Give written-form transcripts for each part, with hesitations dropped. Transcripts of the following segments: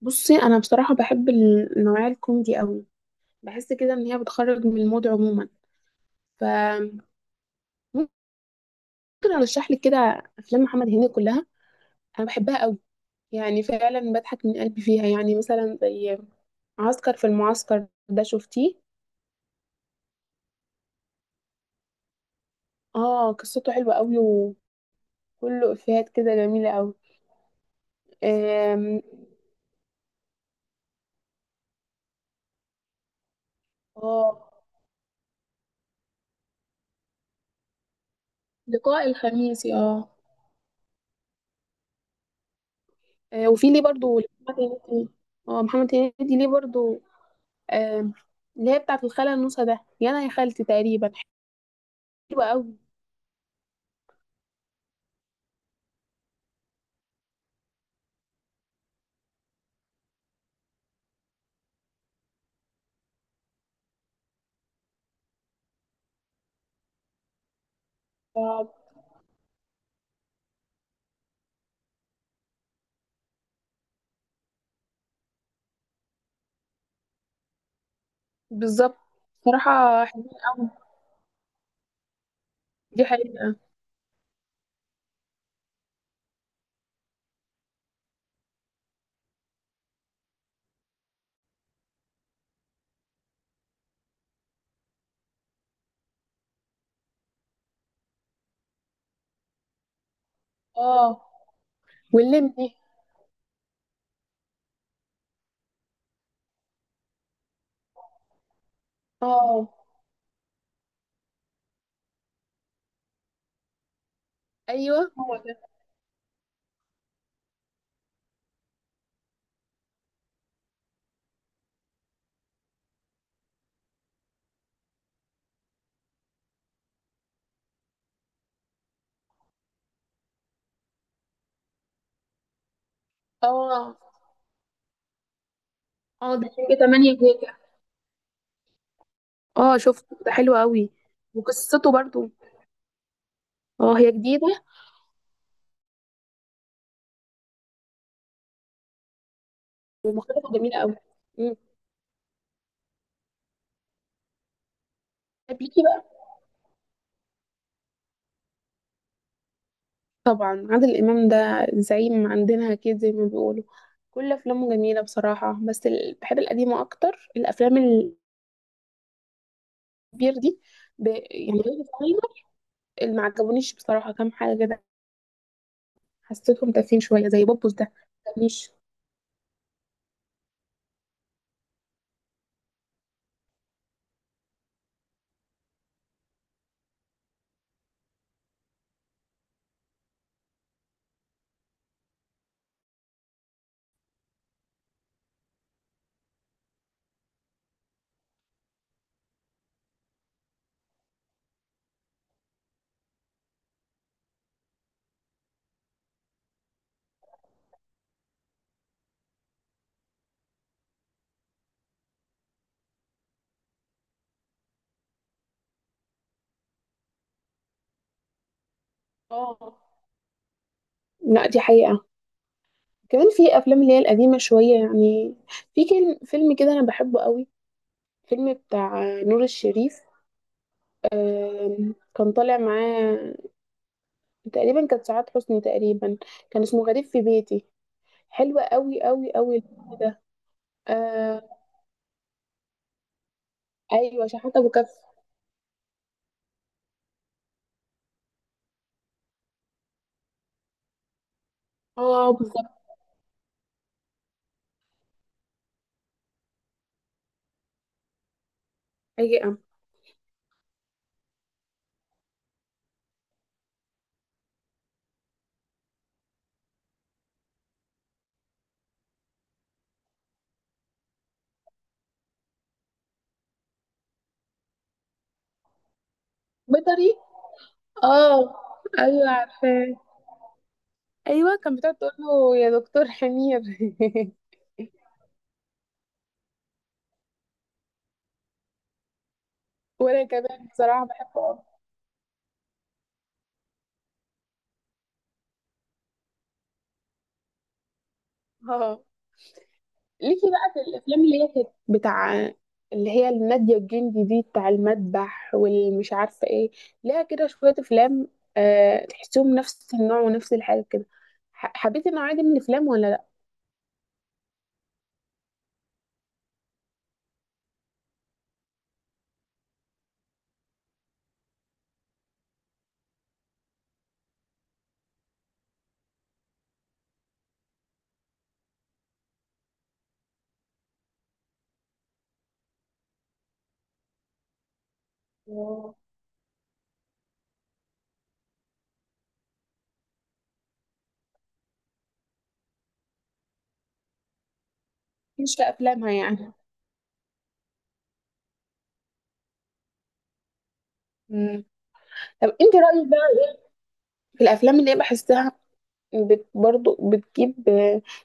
بصي، انا بصراحه بحب النوعيه الكوميدي قوي. بحس كده ان هي بتخرج من المود عموما. فممكن ارشح لك كده افلام محمد هنيدي كلها، انا بحبها قوي، يعني فعلا بضحك من قلبي فيها، يعني مثلا زي عسكر في المعسكر ده، شفتيه؟ اه، قصته حلوه قوي، وكله افيهات كده جميله قوي. آم، اه، لقاء الخميس، اه. وفي ليه برضو محمد هنيدي، اه محمد هنيدي ليه برضو. آم، اللي هي بتاعة الخالة النوسة ده، يا أنا يا خالتي تقريبا، حلوة أوي. آه، بالظبط. صراحة حلوين أوي. دي حقيقة. اه، واللمبي. اه، أيوه هو ده. اه، اه، ده حاجة 8 جيجا. اه، شفته ده حلو أوي، وقصته برضو. اه، هي جديدة، ومقالته جميلة أوي. مم. طب ليكي بقى، طبعا عادل إمام ده زعيم عندنا كده زي ما بيقولوا. كل أفلامه جميلة بصراحة، بس بحب القديمة أكتر الأفلام، بير دي يعني غير الصغير اللي ما عجبونيش بصراحة، كام حاجة كده حسيتهم تافهين شوية زي بوبوس ده، ما عجبنيش. اه، لا دي حقيقة. كمان في أفلام اللي هي القديمة شوية يعني، في فيلم كده أنا بحبه قوي، فيلم بتاع نور الشريف. كان طالع معاه تقريبا كانت سعاد حسني تقريبا، كان اسمه غريب في بيتي، حلو قوي قوي قوي الفيلم ده. آه، ايوه، شحاتة ابو كف. اه بالظبط. حقيقة. بيطري. اه، ايوه عارفاه. ايوه كان بتقعد تقول له يا دكتور حمير وانا كمان بصراحه بحبه أوي. اه ليكي بقى في الافلام اللي هي كانت بتاع، اللي هي النادية الجندي دي، بتاع المذبح والمش عارفه ايه، ليها كده شويه افلام، أه تحسهم نفس النوع ونفس الحاجه كده. حبيتي النوعيه دي من الافلام ولا لا؟ مش في افلامها يعني. مم. طب انت رايك بقى في الافلام اللي هي بحسها برضو بتجيب،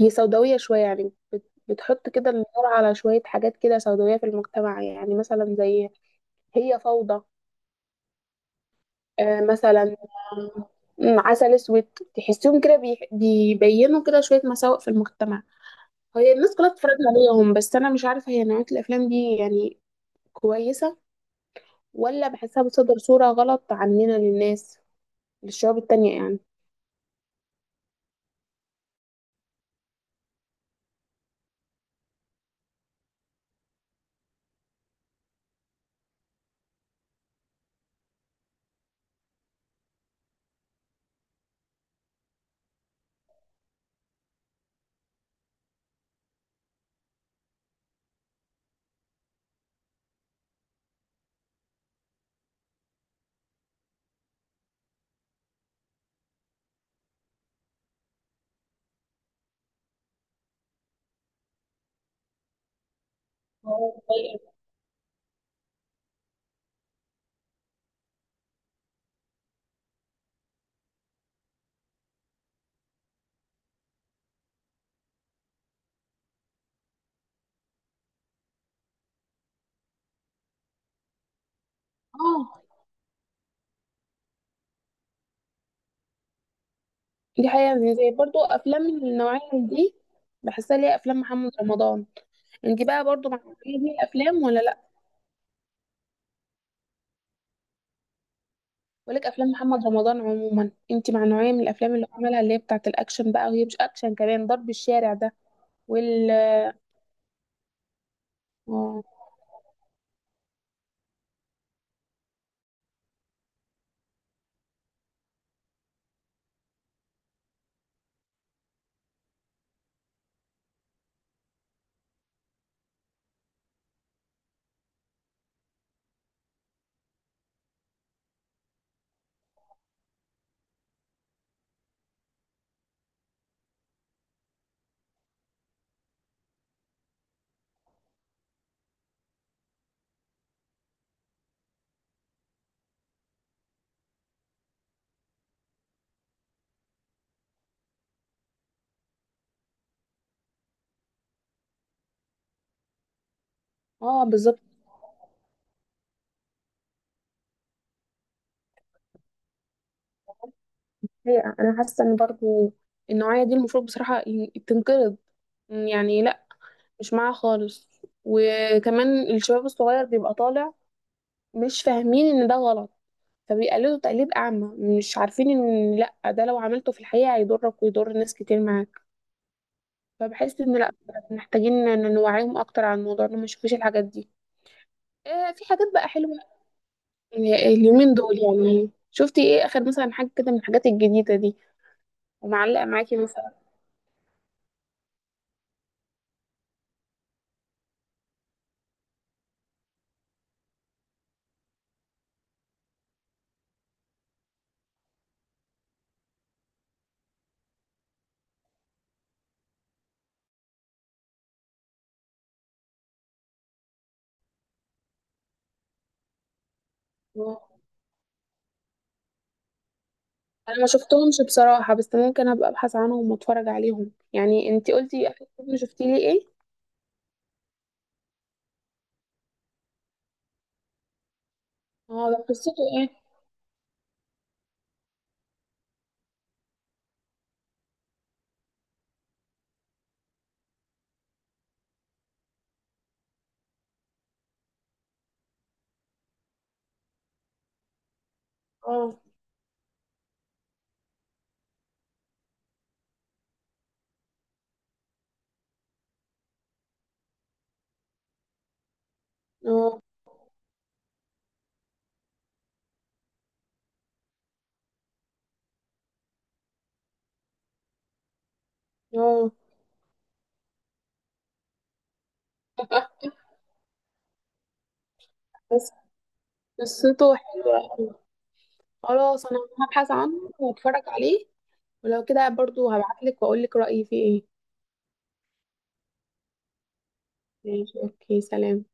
هي سوداوية شوية يعني، بتحط كده النور على شوية حاجات كده سوداوية في المجتمع، يعني مثلا زي هي فوضى، مثلا، آه، م، عسل اسود، تحسيهم كده بيبينوا كده شوية مساوئ في المجتمع. هي الناس كلها بتتفرج عليهم، بس أنا مش عارفة هي نوعية الأفلام دي يعني كويسة، ولا بحسها بتصدر صورة غلط عننا للناس، للشعوب التانية يعني. اه دي حقيقة، يعني زي برضو أفلام من النوعية دي، بحسها ليها أفلام محمد رمضان. انت بقى برضو مع النوعية دي من الأفلام ولا لأ؟ ولك أفلام محمد رمضان عموما، انت مع نوعية من الأفلام اللي هو عملها اللي هي بتاعة الأكشن بقى، وهي مش أكشن، كمان ضرب الشارع ده وال اه. بالظبط. هي أنا حاسة إن برضو النوعية دي المفروض بصراحة تنقرض، يعني لأ، مش معاها خالص. وكمان الشباب الصغير بيبقى طالع مش فاهمين إن ده غلط، فبيقلدوا تقليد أعمى، مش عارفين إن لأ، ده لو عملته في الحقيقة هيضرك ويضر ناس كتير معاك. فبحس إن لأ، محتاجين إن نوعيهم أكتر عن الموضوع، إنهم ما يشوفوش الحاجات دي. في حاجات بقى حلوة اليومين دول، يعني شفتي إيه آخر مثلا حاجة كده من الحاجات الجديدة دي، ومعلقة معاكي مثلا؟ أنا ما شفتهمش بصراحة، بس ممكن أبقى أبحث عنهم وأتفرج عليهم. يعني أنتي قلتي آخر فيلم شفتي لي إيه؟ اه ده قصته إيه؟ اه، اه، اه، بس قصته حلوة، خلاص انا هبحث عنه واتفرج عليه، ولو كده برضو هبعتلك واقولك رأيي فيه ايه. ماشي اوكي سلام.